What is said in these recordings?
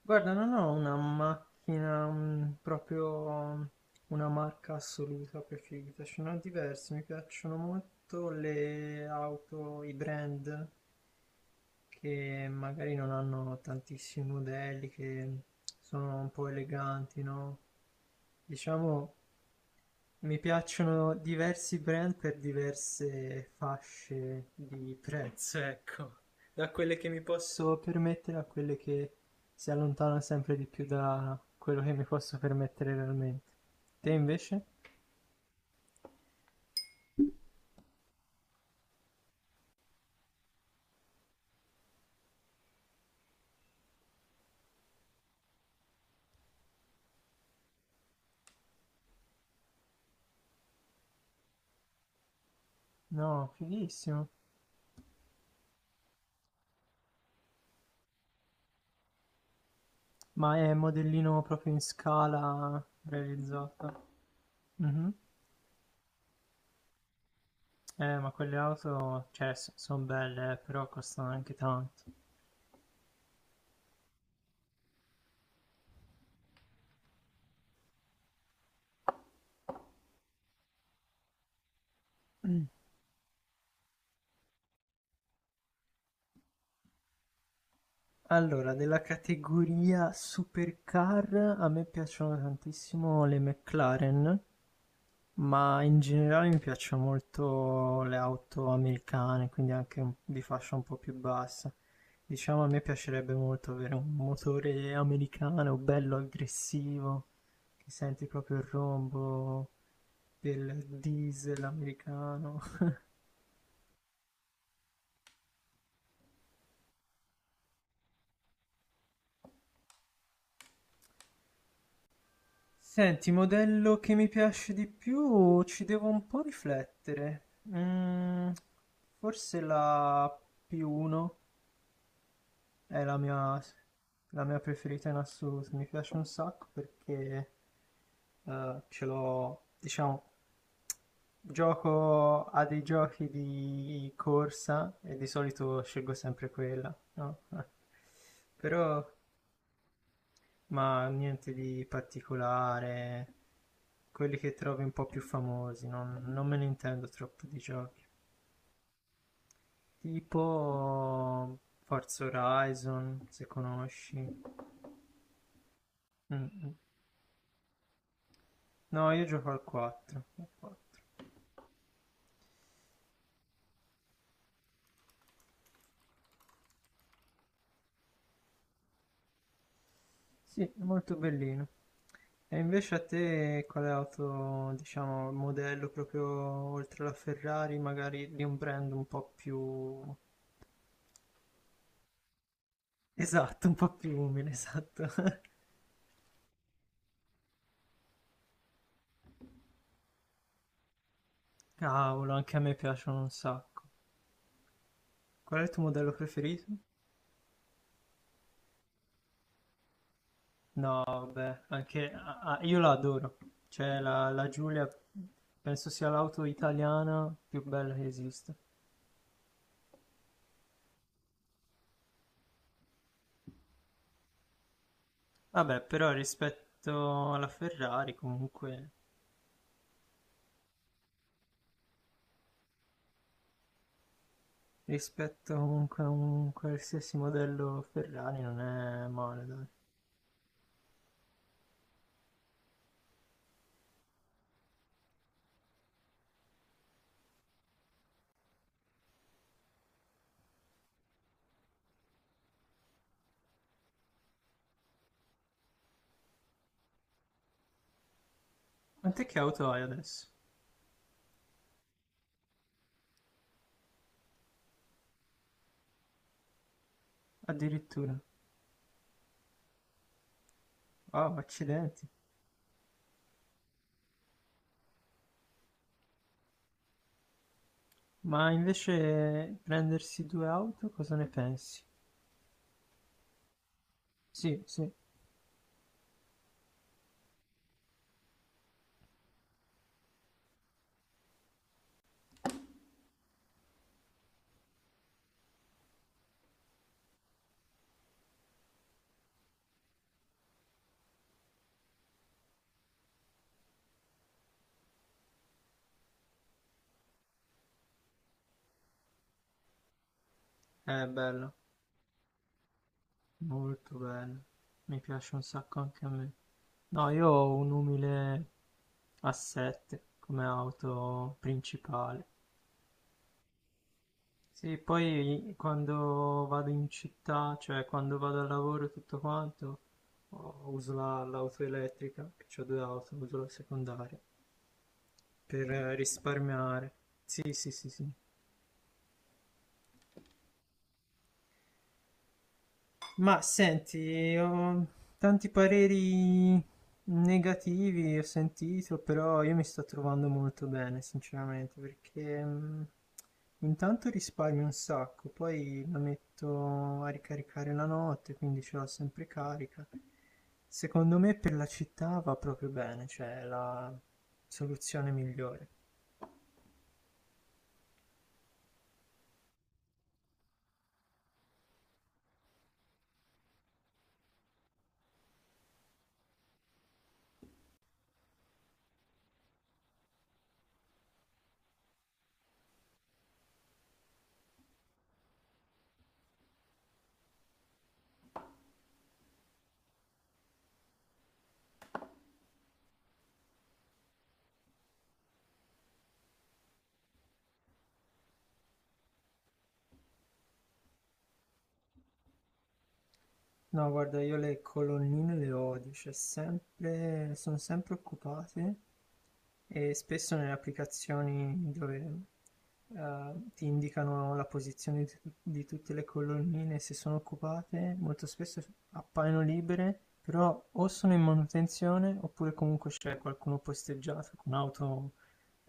Guarda, non ho una macchina, proprio una marca assoluta preferita, ce ne ho diverse, mi piacciono molto le auto, i brand che magari non hanno tantissimi modelli, che sono un po' eleganti, no? Diciamo, mi piacciono diversi brand per diverse fasce di prezzo, ecco. Da quelle che mi posso permettere a quelle che si allontanano sempre di più da quello che mi posso permettere realmente. Te invece? No, fighissimo. Ma è modellino proprio in scala realizzata. Mhm. Ma quelle auto, cioè, sono belle, però costano anche tanto. Allora, della categoria supercar a me piacciono tantissimo le McLaren, ma in generale mi piacciono molto le auto americane, quindi di fascia un po' più bassa. Diciamo, a me piacerebbe molto avere un motore americano, bello aggressivo, che senti proprio il rombo del diesel americano. Senti, modello che mi piace di più, ci devo un po' riflettere. Forse la P1 è la mia preferita in assoluto, mi piace un sacco perché ce l'ho, diciamo, gioco a dei giochi di corsa e di solito scelgo sempre quella, no? Però Ma niente di particolare. Quelli che trovi un po' più famosi, non me ne intendo troppo di giochi. Tipo Forza Horizon, se conosci. Mm, mm. No, io gioco al 4. Al 4. Sì, è molto bellino. E invece a te quale auto, diciamo, modello proprio oltre alla Ferrari, magari di un brand un po' più... Esatto, un po' più umile, esatto. Cavolo, anche a me piacciono un sacco. Qual è il tuo modello preferito? No, vabbè, anche ah, ah, io la adoro. Cioè, la Giulia penso sia l'auto italiana più bella che esiste. Vabbè, però rispetto alla Ferrari, comunque, rispetto comunque a un qualsiasi modello Ferrari non è male, dai. Ma te che auto hai adesso? Addirittura. Wow, accidenti. Ma invece prendersi due auto, cosa ne pensi? Sì, sì, è bello. Molto bello, mi piace un sacco anche a me. No, io ho un umile A7 come auto principale. Sì, poi quando vado in città, cioè quando vado al lavoro e tutto quanto, oh, l'auto elettrica, che ho due auto, uso la secondaria, per risparmiare. Sì, sì, sì, sì. Ma senti, ho tanti pareri negativi, ho sentito, però io mi sto trovando molto bene, sinceramente, perché intanto risparmio un sacco, poi la metto a ricaricare la notte, quindi ce l'ho sempre carica. Secondo me per la città va proprio bene, cioè è la soluzione migliore. No, guarda, io le colonnine le odio, cioè sempre, sono sempre occupate e spesso nelle applicazioni dove ti indicano la posizione di tutte le colonnine, se sono occupate, molto spesso appaiono libere, però o sono in manutenzione oppure comunque c'è qualcuno posteggiato con auto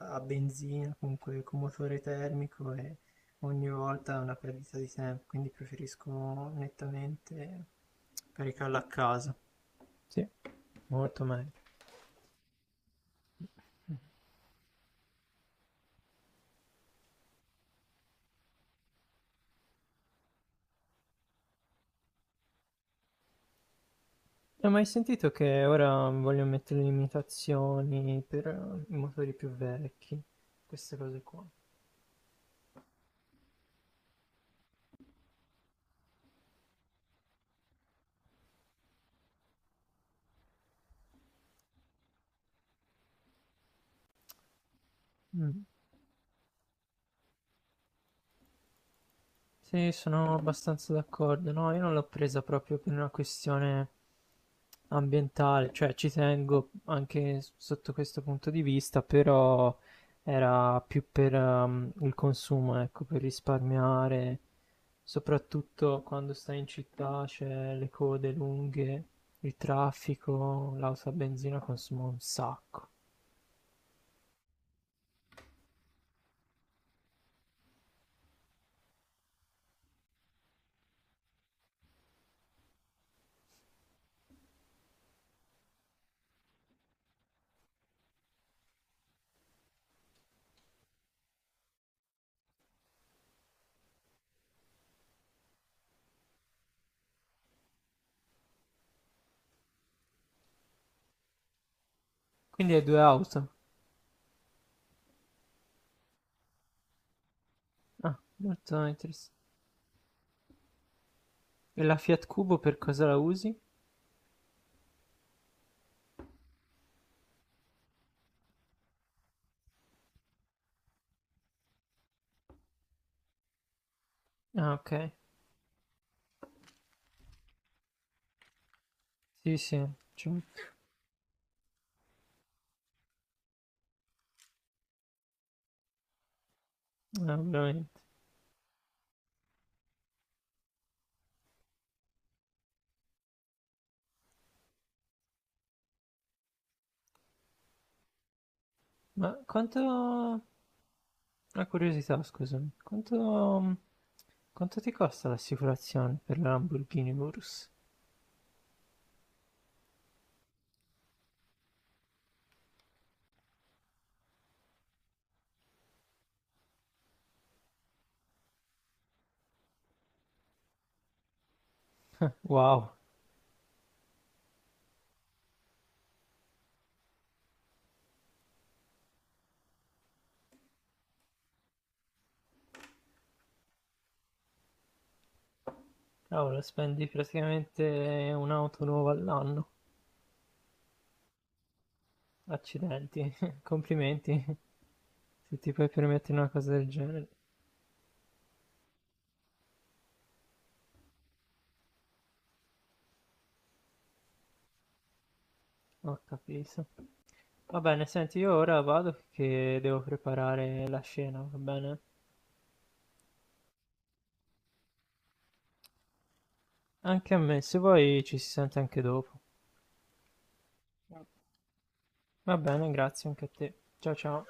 a benzina, comunque con motore termico e ogni volta è una perdita di tempo, quindi preferisco nettamente caricarla a casa. Sì. Molto meglio. Ho mai sentito che ora vogliono mettere limitazioni per i motori più vecchi, queste cose qua. Mm. Sì, sono abbastanza d'accordo. No, io non l'ho presa proprio per una questione ambientale, cioè ci tengo anche sotto questo punto di vista, però era più per il consumo, ecco, per risparmiare, soprattutto quando stai in città, c'è le code lunghe, il traffico, l'auto a benzina consuma un sacco. Quindi hai due auto. Ah, molto interessante. E la Fiat Cubo per cosa la usi? Ah, ok. Sì, sì, ci- ovviamente. Ma quanto... Una curiosità, scusami, quanto... Quanto ti costa l'assicurazione per la Lamborghini Urus? Wow, cavolo, spendi praticamente un'auto nuova all'anno. Accidenti, complimenti, se ti puoi permettere una cosa del genere. Ho capito. Va bene, senti, io ora vado che devo preparare la scena, va bene? Anche a me, se vuoi ci si sente anche dopo. Va bene, grazie anche a te. Ciao ciao.